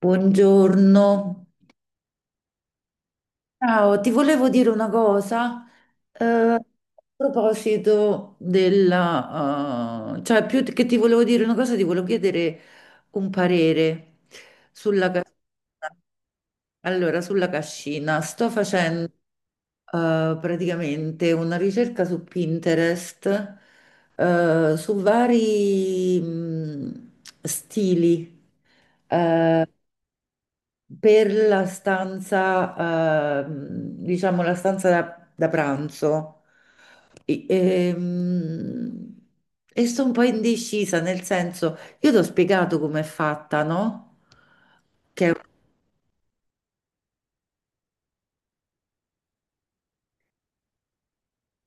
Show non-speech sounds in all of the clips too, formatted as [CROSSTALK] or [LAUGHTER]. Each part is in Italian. Buongiorno. Ciao, ti volevo dire una cosa, a proposito della, cioè più che ti volevo dire una cosa, ti volevo chiedere un parere sulla cascina. Allora, sulla cascina, sto facendo praticamente una ricerca su Pinterest, su vari stili. eh, per la stanza, diciamo la stanza da pranzo. E, ehm, e sto un po' indecisa, nel senso, io ti ho spiegato com'è fatta, no? Che è un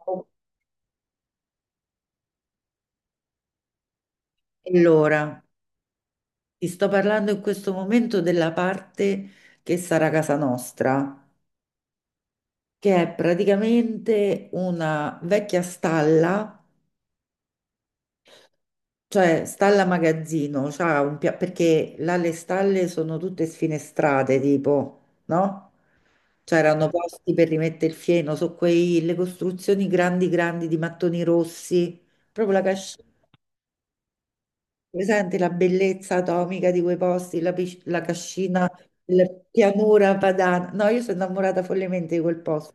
po' Allora, ti sto parlando in questo momento della parte che sarà casa nostra, che è praticamente una vecchia stalla. Cioè, stalla magazzino, perché là le stalle sono tutte sfinestrate, tipo, no? C'erano posti per rimettere il fieno, so quei, le costruzioni grandi grandi di mattoni rossi, proprio la cascina, presente la bellezza atomica di quei posti, la cascina, la pianura padana. No, io sono innamorata follemente di quel posto.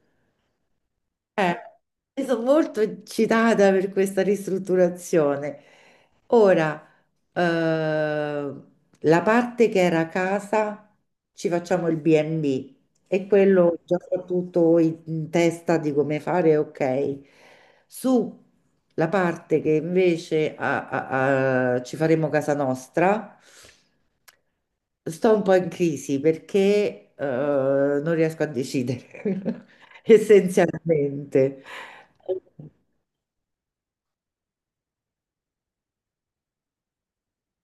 Eh, io sono molto eccitata per questa ristrutturazione. Ora, eh, la parte che era casa, ci facciamo il B&B, e quello già tutto in testa di come fare, ok. Su la parte che invece ci faremo casa nostra, sto un po' in crisi perché non riesco a decidere [LAUGHS] essenzialmente.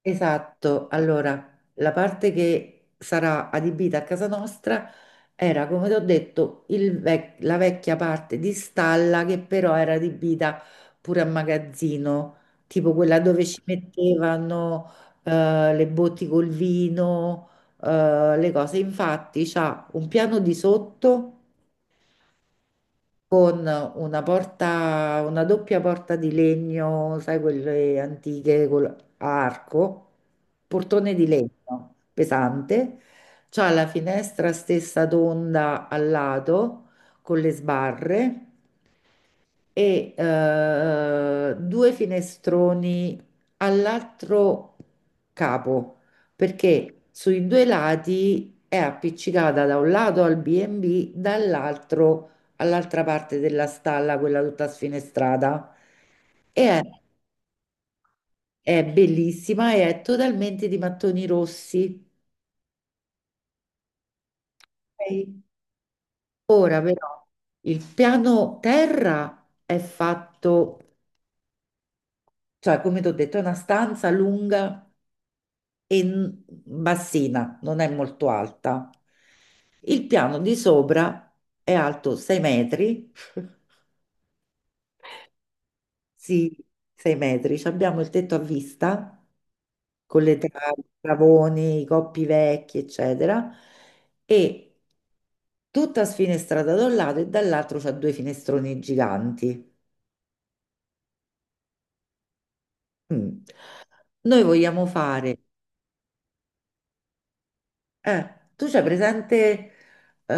Esatto, allora la parte che sarà adibita a casa nostra era, come ti ho detto, la vecchia parte di stalla che però era adibita pure a magazzino, tipo quella dove ci mettevano le botti col vino, le cose. Infatti c'ha un piano di sotto con una porta, una doppia porta di legno, sai, a arco, portone di legno pesante, c'ha la finestra stessa tonda al lato con le sbarre e due finestroni all'altro capo, perché sui due lati è appiccicata da un lato al B&B, dall'altro all'altra parte della stalla, quella tutta sfinestrata. E è, è bellissima e è totalmente di mattoni rossi. Ok? Ora però il piano terra è fatto, cioè come ti ho detto, è una stanza lunga e bassina, non è molto alta. Il piano di sopra è alto 6 metri, [LAUGHS] sì, 6 metri. Ci abbiamo il tetto a vista con le travi, i travoni, i coppi vecchi, eccetera, e tutta sfinestrata da un lato e dall'altro c'ha due finestroni giganti. Mm. Noi vogliamo fare. Eh, Tu c'hai presente,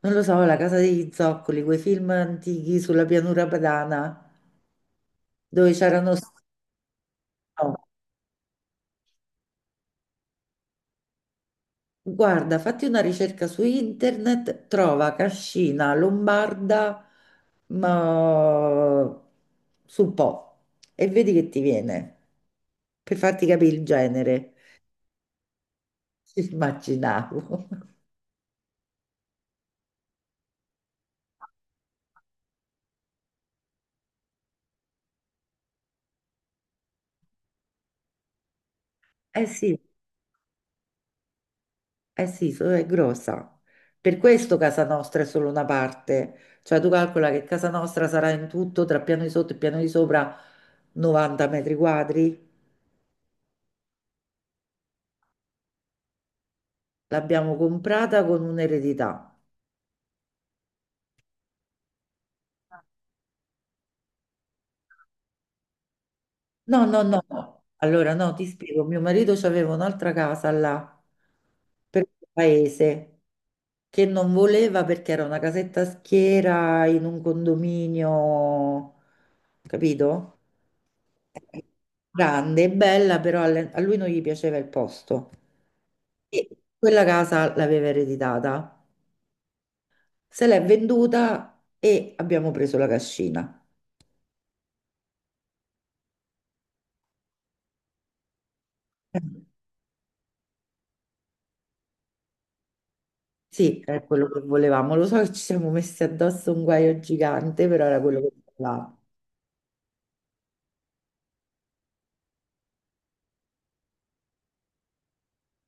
non lo so, La casa degli zoccoli, quei film antichi sulla pianura padana, dove c'erano, no. Guarda, fatti una ricerca su internet, trova Cascina Lombarda, ma sul Po, e vedi che ti viene, per farti capire il genere. Ci immaginavo. [LAUGHS] Eh sì. Eh sì, è grossa. Per questo Casa Nostra è solo una parte. Cioè tu calcola che Casa Nostra sarà in tutto tra piano di sotto e piano di sopra 90 metri quadri. L'abbiamo comprata con un'eredità. No, no, no, no. Allora no, ti spiego. Mio marito aveva un'altra casa là, per il paese, che non voleva perché era una casetta a schiera in un condominio, capito? Grande e bella, però a lui non gli piaceva il posto. E quella casa l'aveva ereditata, se l'è venduta e abbiamo preso la cascina. Eh, Sì, è quello che volevamo. Lo so che ci siamo messi addosso un guaio gigante, però era quello che volevamo.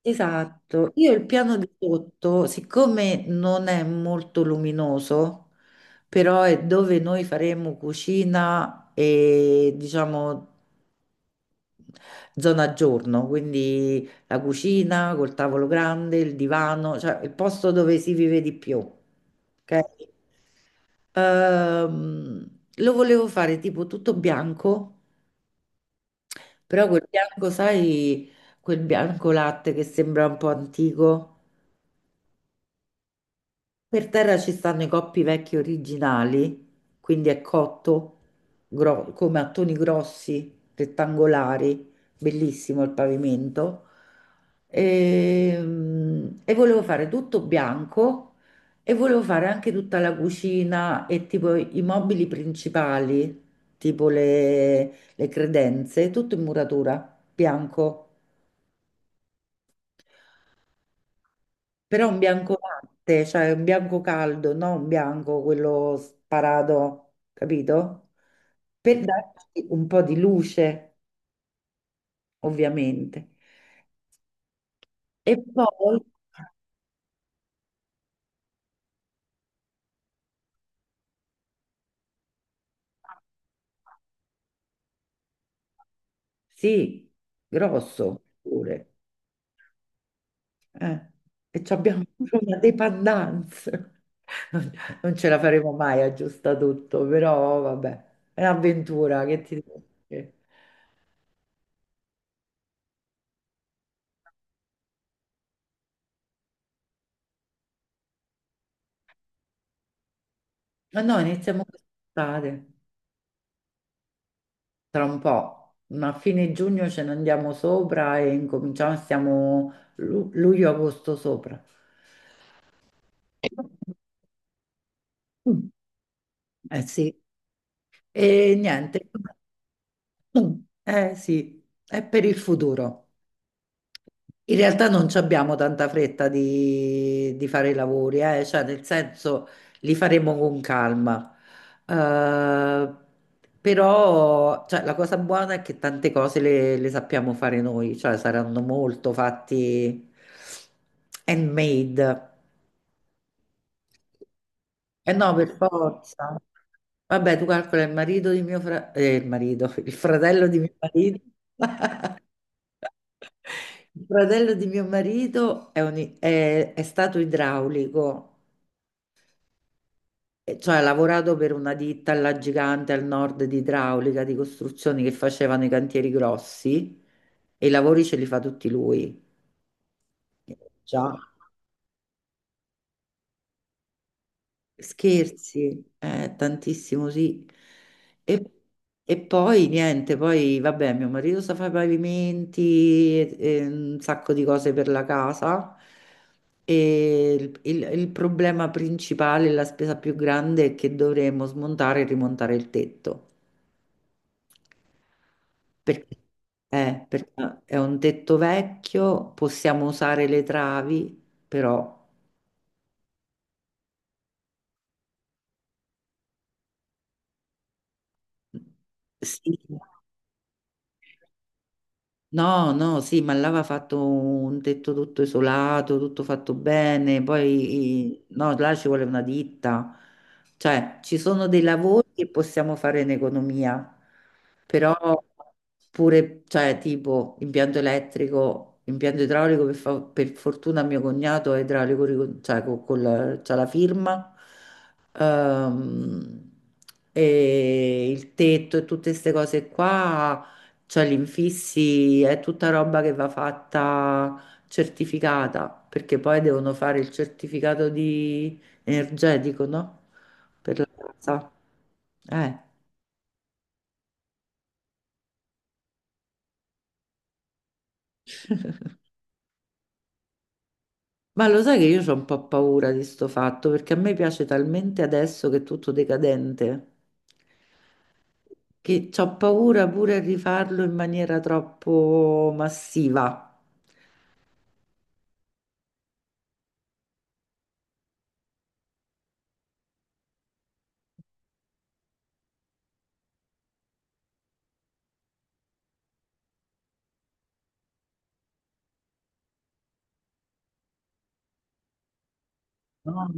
Esatto, io il piano di sotto, siccome non è molto luminoso, però è dove noi faremo cucina e diciamo zona giorno, quindi la cucina col tavolo grande, il divano, cioè il posto dove si vive di più. Ok? Ehm, Lo volevo fare tipo tutto bianco, però quel bianco, sai, quel bianco latte che sembra un po' antico. Per terra ci stanno i coppi vecchi originali, quindi è cotto come a toni grossi, rettangolari, bellissimo il pavimento. E, volevo fare tutto bianco e volevo fare anche tutta la cucina e tipo i mobili principali, tipo le credenze, tutto in muratura, bianco. Però un bianco latte, cioè un bianco caldo, non un bianco quello sparato, capito? Per darci un po' di luce, ovviamente. E poi, sì, grosso pure. Eh. E ci abbiamo [LAUGHS] pure una dependenza. Non non ce la faremo mai a aggiusta tutto, però vabbè, è un'avventura che ti devo dire. Ma no, iniziamo quest'estate. Tra un po', ma a fine giugno ce ne andiamo sopra e incominciamo, stiamo luglio-agosto sopra. Mm. Eh sì, e niente, eh sì, è per il futuro. In realtà non ci abbiamo tanta fretta di fare i lavori, cioè, nel senso li faremo con calma. Eh, Però cioè, la cosa buona è che tante cose le sappiamo fare noi, cioè saranno molto fatti handmade. Eh no, per forza. Vabbè, tu calcola il marito di mio fratello, il marito, [LAUGHS] il fratello di mio marito. [LAUGHS] Il fratello di mio marito è stato idraulico, e cioè ha lavorato per una ditta alla gigante al nord di idraulica, di costruzioni che facevano i cantieri grossi e i lavori ce li fa tutti lui. Già. Scherzi, tantissimo, sì. E, e, poi niente, poi vabbè, mio marito sa fare i pavimenti e un sacco di cose per la casa. E il problema principale, la spesa più grande è che dovremmo smontare e rimontare il tetto. Perché, perché è un tetto vecchio, possiamo usare le travi, però sì. No, no, sì, ma là aveva fatto un tetto tutto isolato, tutto fatto bene, poi no, là ci vuole una ditta, cioè ci sono dei lavori che possiamo fare in economia, però pure, cioè tipo impianto elettrico, impianto idraulico, per fortuna mio cognato è idraulico, cioè c'ha la firma, ehm, e il tetto e tutte queste cose qua cioè gli infissi è tutta roba che va fatta certificata, perché poi devono fare il certificato di energetico, no? Per la casa. Eh. Ma lo sai che io ho un po' paura di sto fatto, perché a me piace talmente adesso che è tutto decadente, che ho paura pure a rifarlo in maniera troppo massiva. No?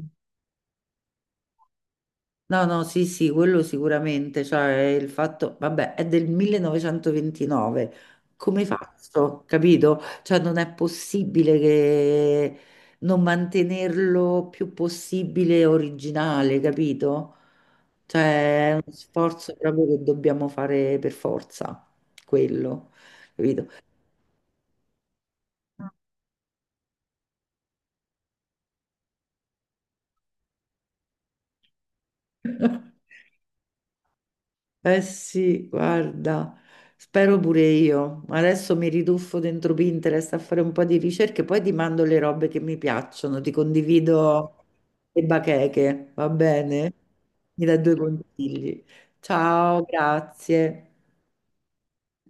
No, no, sì, sì, quello sicuramente, cioè il fatto, vabbè, è del 1929, come faccio, capito? Cioè non è possibile che non mantenerlo più possibile originale, capito? Cioè è uno sforzo proprio che dobbiamo fare per forza, quello, capito? Eh sì, guarda, spero pure io. Adesso mi riduffo dentro Pinterest a fare un po' di ricerche, poi ti mando le robe che mi piacciono, ti condivido le bacheche, va bene? Mi dai due consigli. Ciao, grazie.